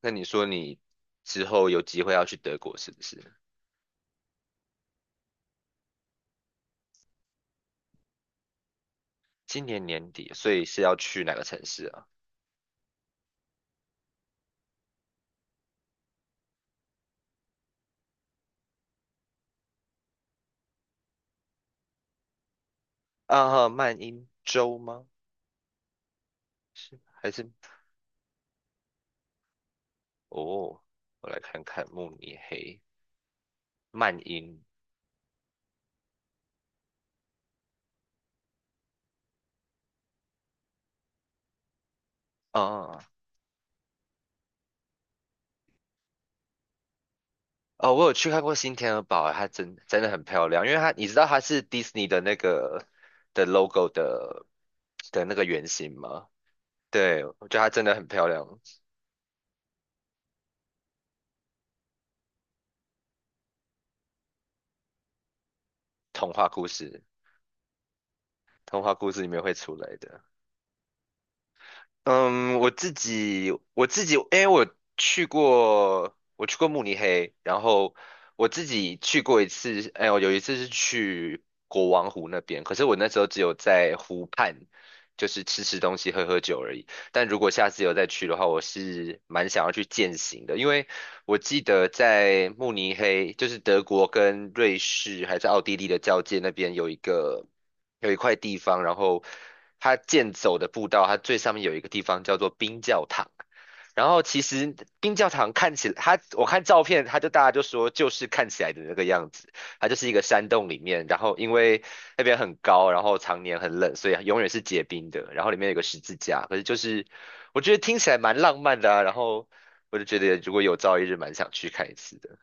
那你说你之后有机会要去德国是不是？今年年底，所以是要去哪个城市啊？啊，曼因州吗？是还是？哦，我来看看慕尼黑、曼因。啊哦，我有去看过新天鹅堡啊，它真的很漂亮，因为它你知道它是迪士尼的那个 logo 的那个原型吗？对，我觉得它真的很漂亮，童话故事，童话故事里面会出来的。嗯，我自己，因为我去过慕尼黑，然后我自己去过一次，哎，我有一次是去国王湖那边，可是我那时候只有在湖畔，就是吃吃东西、喝喝酒而已。但如果下次有再去的话，我是蛮想要去践行的，因为我记得在慕尼黑，就是德国跟瑞士还是奥地利的交界那边有一个。有一块地方，然后它健走的步道，它最上面有一个地方叫做冰教堂。然后其实冰教堂看起来，它我看照片，它就大家就说就是看起来的那个样子，它就是一个山洞里面，然后因为那边很高，然后常年很冷，所以永远是结冰的。然后里面有个十字架，可是就是我觉得听起来蛮浪漫的啊。然后我就觉得如果有朝一日蛮想去看一次的。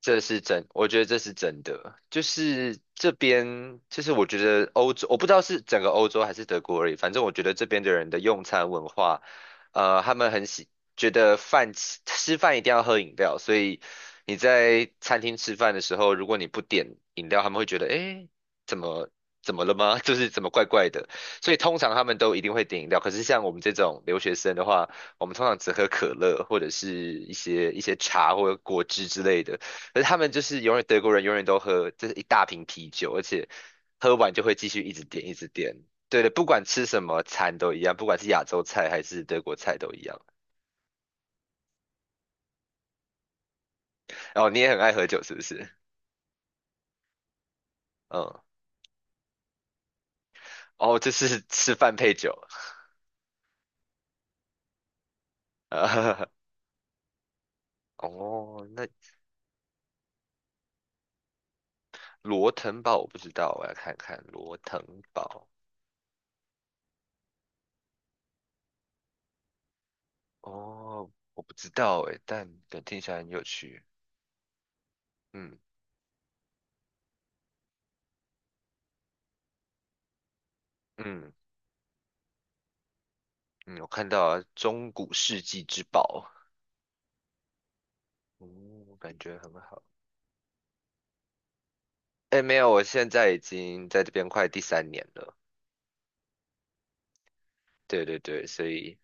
这是真，我觉得这是真的。就是这边，就是我觉得欧洲，我不知道是整个欧洲还是德国而已，反正我觉得这边的人的用餐文化，他们很喜，觉得吃饭一定要喝饮料，所以你在餐厅吃饭的时候，如果你不点饮料，他们会觉得，诶，怎么怎么了吗？就是怎么怪怪的。所以通常他们都一定会点饮料，可是像我们这种留学生的话，我们通常只喝可乐或者是一些茶或者果汁之类的。可是他们就是永远德国人永远都喝，就是一大瓶啤酒，而且喝完就会继续一直点。对的，不管吃什么餐都一样，不管是亚洲菜还是德国菜都一样。哦，你也很爱喝酒是不是？嗯，哦，就是吃饭配酒。啊哦，那罗腾堡我不知道，我要看看罗腾堡。哦，我不知道诶，但感觉听起来很有趣。嗯嗯嗯，我看到了中古世纪之宝，哦，我感觉很好。哎，没有，我现在已经在这边快第三年了。对对对，所以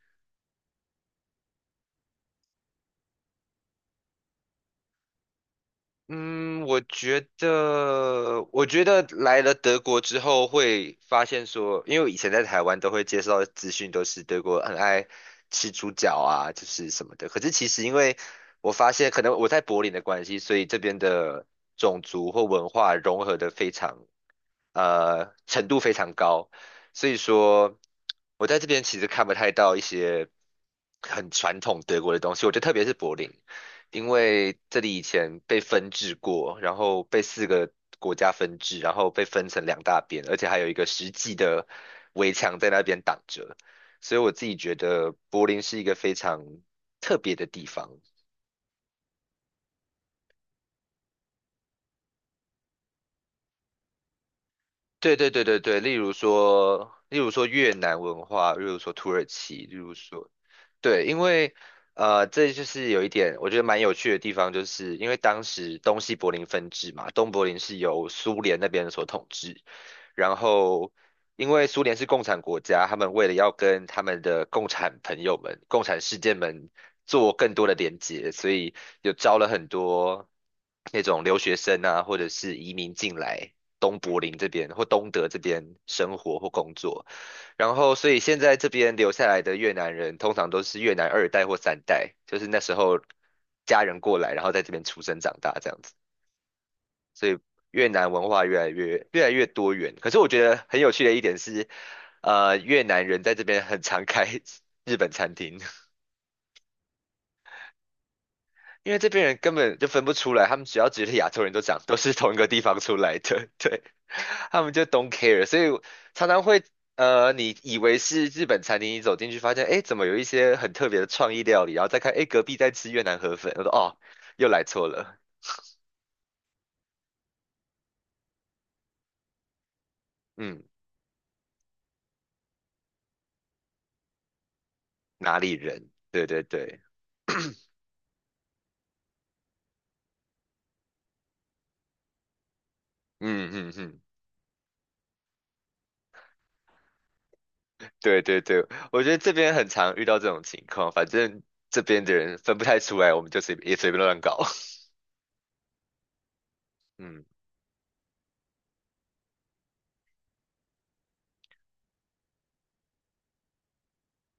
嗯，我觉得，我觉得来了德国之后会发现说，因为我以前在台湾都会接受到的资讯都是德国很爱吃猪脚啊，就是什么的。可是其实因为我发现，可能我在柏林的关系，所以这边的种族或文化融合的非常，程度非常高。所以说，我在这边其实看不太到一些很传统德国的东西，我觉得特别是柏林。因为这里以前被分治过，然后被四个国家分治，然后被分成两大边，而且还有一个实际的围墙在那边挡着，所以我自己觉得柏林是一个非常特别的地方。对对对对对，例如说，例如说越南文化，例如说土耳其，例如说，对，因为这就是有一点我觉得蛮有趣的地方，就是因为当时东西柏林分治嘛，东柏林是由苏联那边所统治，然后因为苏联是共产国家，他们为了要跟他们的共产朋友们、共产世界们做更多的连接，所以有招了很多那种留学生啊，或者是移民进来东柏林这边或东德这边生活或工作。然后，所以现在这边留下来的越南人，通常都是越南二代或三代，就是那时候家人过来，然后在这边出生长大这样子。所以越南文化越来越多元。可是我觉得很有趣的一点是，越南人在这边很常开 日本餐厅。因为这边人根本就分不出来，他们只要觉得亚洲人都长都是同一个地方出来的，对，他们就 don't care,所以我常常会你以为是日本餐厅，你走进去发现，哎，怎么有一些很特别的创意料理，然后再看，哎，隔壁在吃越南河粉，我说哦，又来错了，嗯，哪里人？对对对，嗯嗯嗯，对对对，我觉得这边很常遇到这种情况，反正这边的人分不太出来，我们就随也随便乱搞，嗯，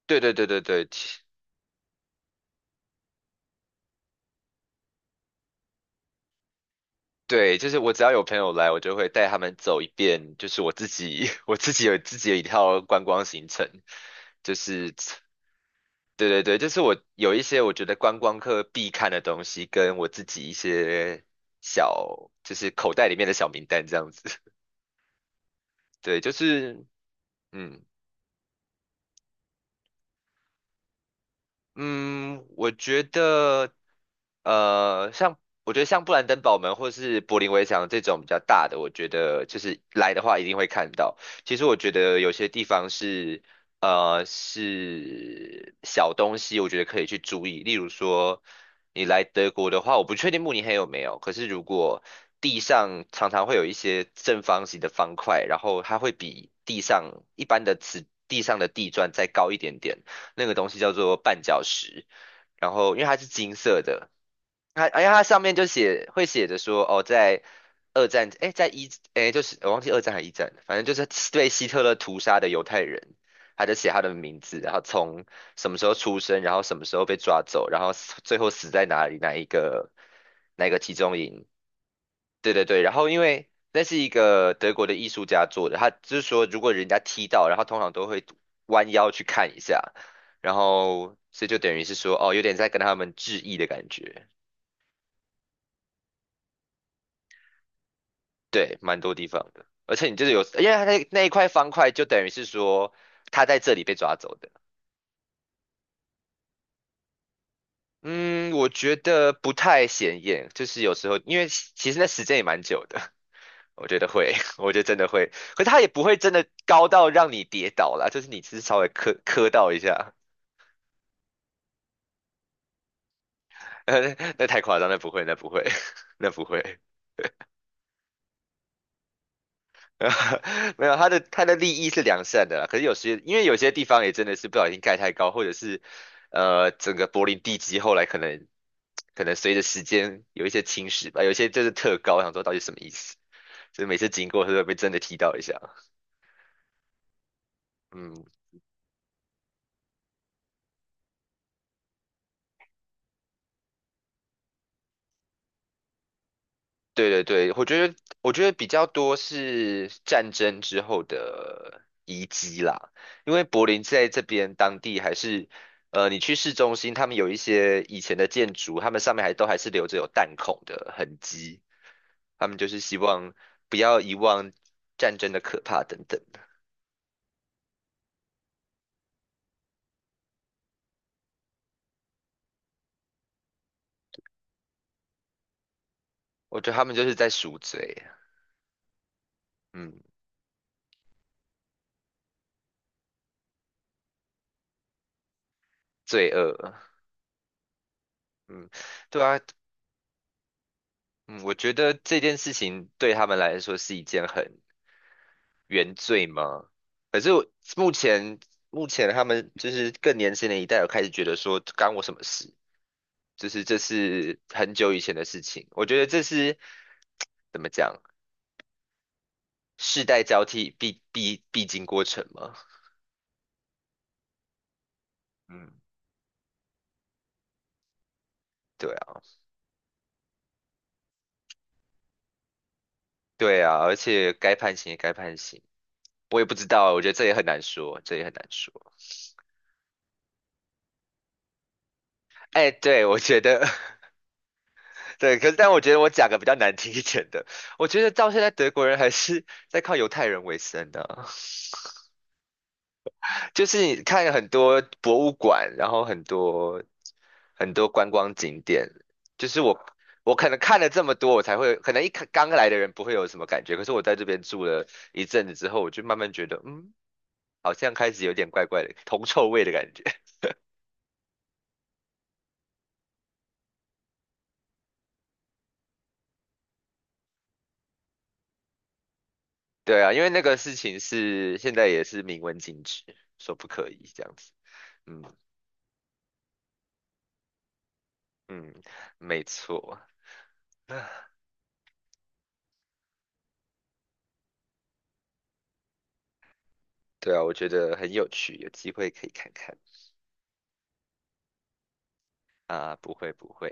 对对对对对。对，就是我只要有朋友来，我就会带他们走一遍，就是我自己 我自己有自己的一套观光行程，就是对对对，就是我有一些我觉得观光客必看的东西，跟我自己一些小就是口袋里面的小名单这样子。对，就是嗯，嗯，我觉得，像我觉得像布兰登堡门或是柏林围墙这种比较大的，我觉得就是来的话一定会看到。其实我觉得有些地方是，是小东西，我觉得可以去注意。例如说，你来德国的话，我不确定慕尼黑有没有，可是如果地上常常会有一些正方形的方块，然后它会比地上一般的瓷地上的地砖再高一点点。那个东西叫做绊脚石，然后因为它是金色的，他哎呀，他上面就写会写着说，哦，在二战，哎，在一，哎，就是我忘记二战还一战了反正就是对希特勒屠杀的犹太人，他就写他的名字，然后从什么时候出生，然后什么时候被抓走，然后死最后死在哪里，哪一个集中营。对对对，然后因为那是一个德国的艺术家做的，他就是说如果人家踢到，然后通常都会弯腰去看一下，然后所以就等于是说哦，有点在跟他们致意的感觉。对，蛮多地方的，而且你就是有，因为它那一块方块就等于是说他在这里被抓走的。嗯，我觉得不太显眼，就是有时候因为其实那时间也蛮久的，我觉得会，我觉得真的会，可是它也不会真的高到让你跌倒啦，就是你只是稍微磕到一下，那太夸张，那不会，那不会，那不会。没有，它的利益是良善的啦，可是有些因为有些地方也真的是不小心盖太高，或者是整个柏林地基后来可能可能随着时间有一些侵蚀吧，有一些就是特高，我想说到底什么意思，所以每次经过都会被真的踢到一下。嗯，对对对，我觉得我觉得比较多是战争之后的遗迹啦，因为柏林在这边当地还是，你去市中心，他们有一些以前的建筑，他们上面还都还是留着有弹孔的痕迹，他们就是希望不要遗忘战争的可怕等等我觉得他们就是在赎罪，嗯，罪恶，嗯，对啊，嗯，我觉得这件事情对他们来说是一件很原罪吗？可是我目前目前他们就是更年轻的一代有开始觉得说干我什么事，就是这是很久以前的事情。我觉得这是怎么讲，世代交替必经过程嘛。嗯，对啊，对啊，而且该判刑也该判刑，我也不知道，我觉得这也很难说，这也很难说。哎，对，我觉得 对，可是但我觉得我讲个比较难听一点的，我觉得到现在德国人还是在靠犹太人为生的啊就是你看很多博物馆，然后很多很多观光景点，就是我可能看了这么多，我才会可能一开刚来的人不会有什么感觉，可是我在这边住了一阵子之后，我就慢慢觉得，嗯，好像开始有点怪怪的铜臭味的感觉。对啊，因为那个事情是现在也是明文禁止，说不可以这样子。嗯嗯，没错。对啊，我觉得很有趣，有机会可以看看啊，不会不会。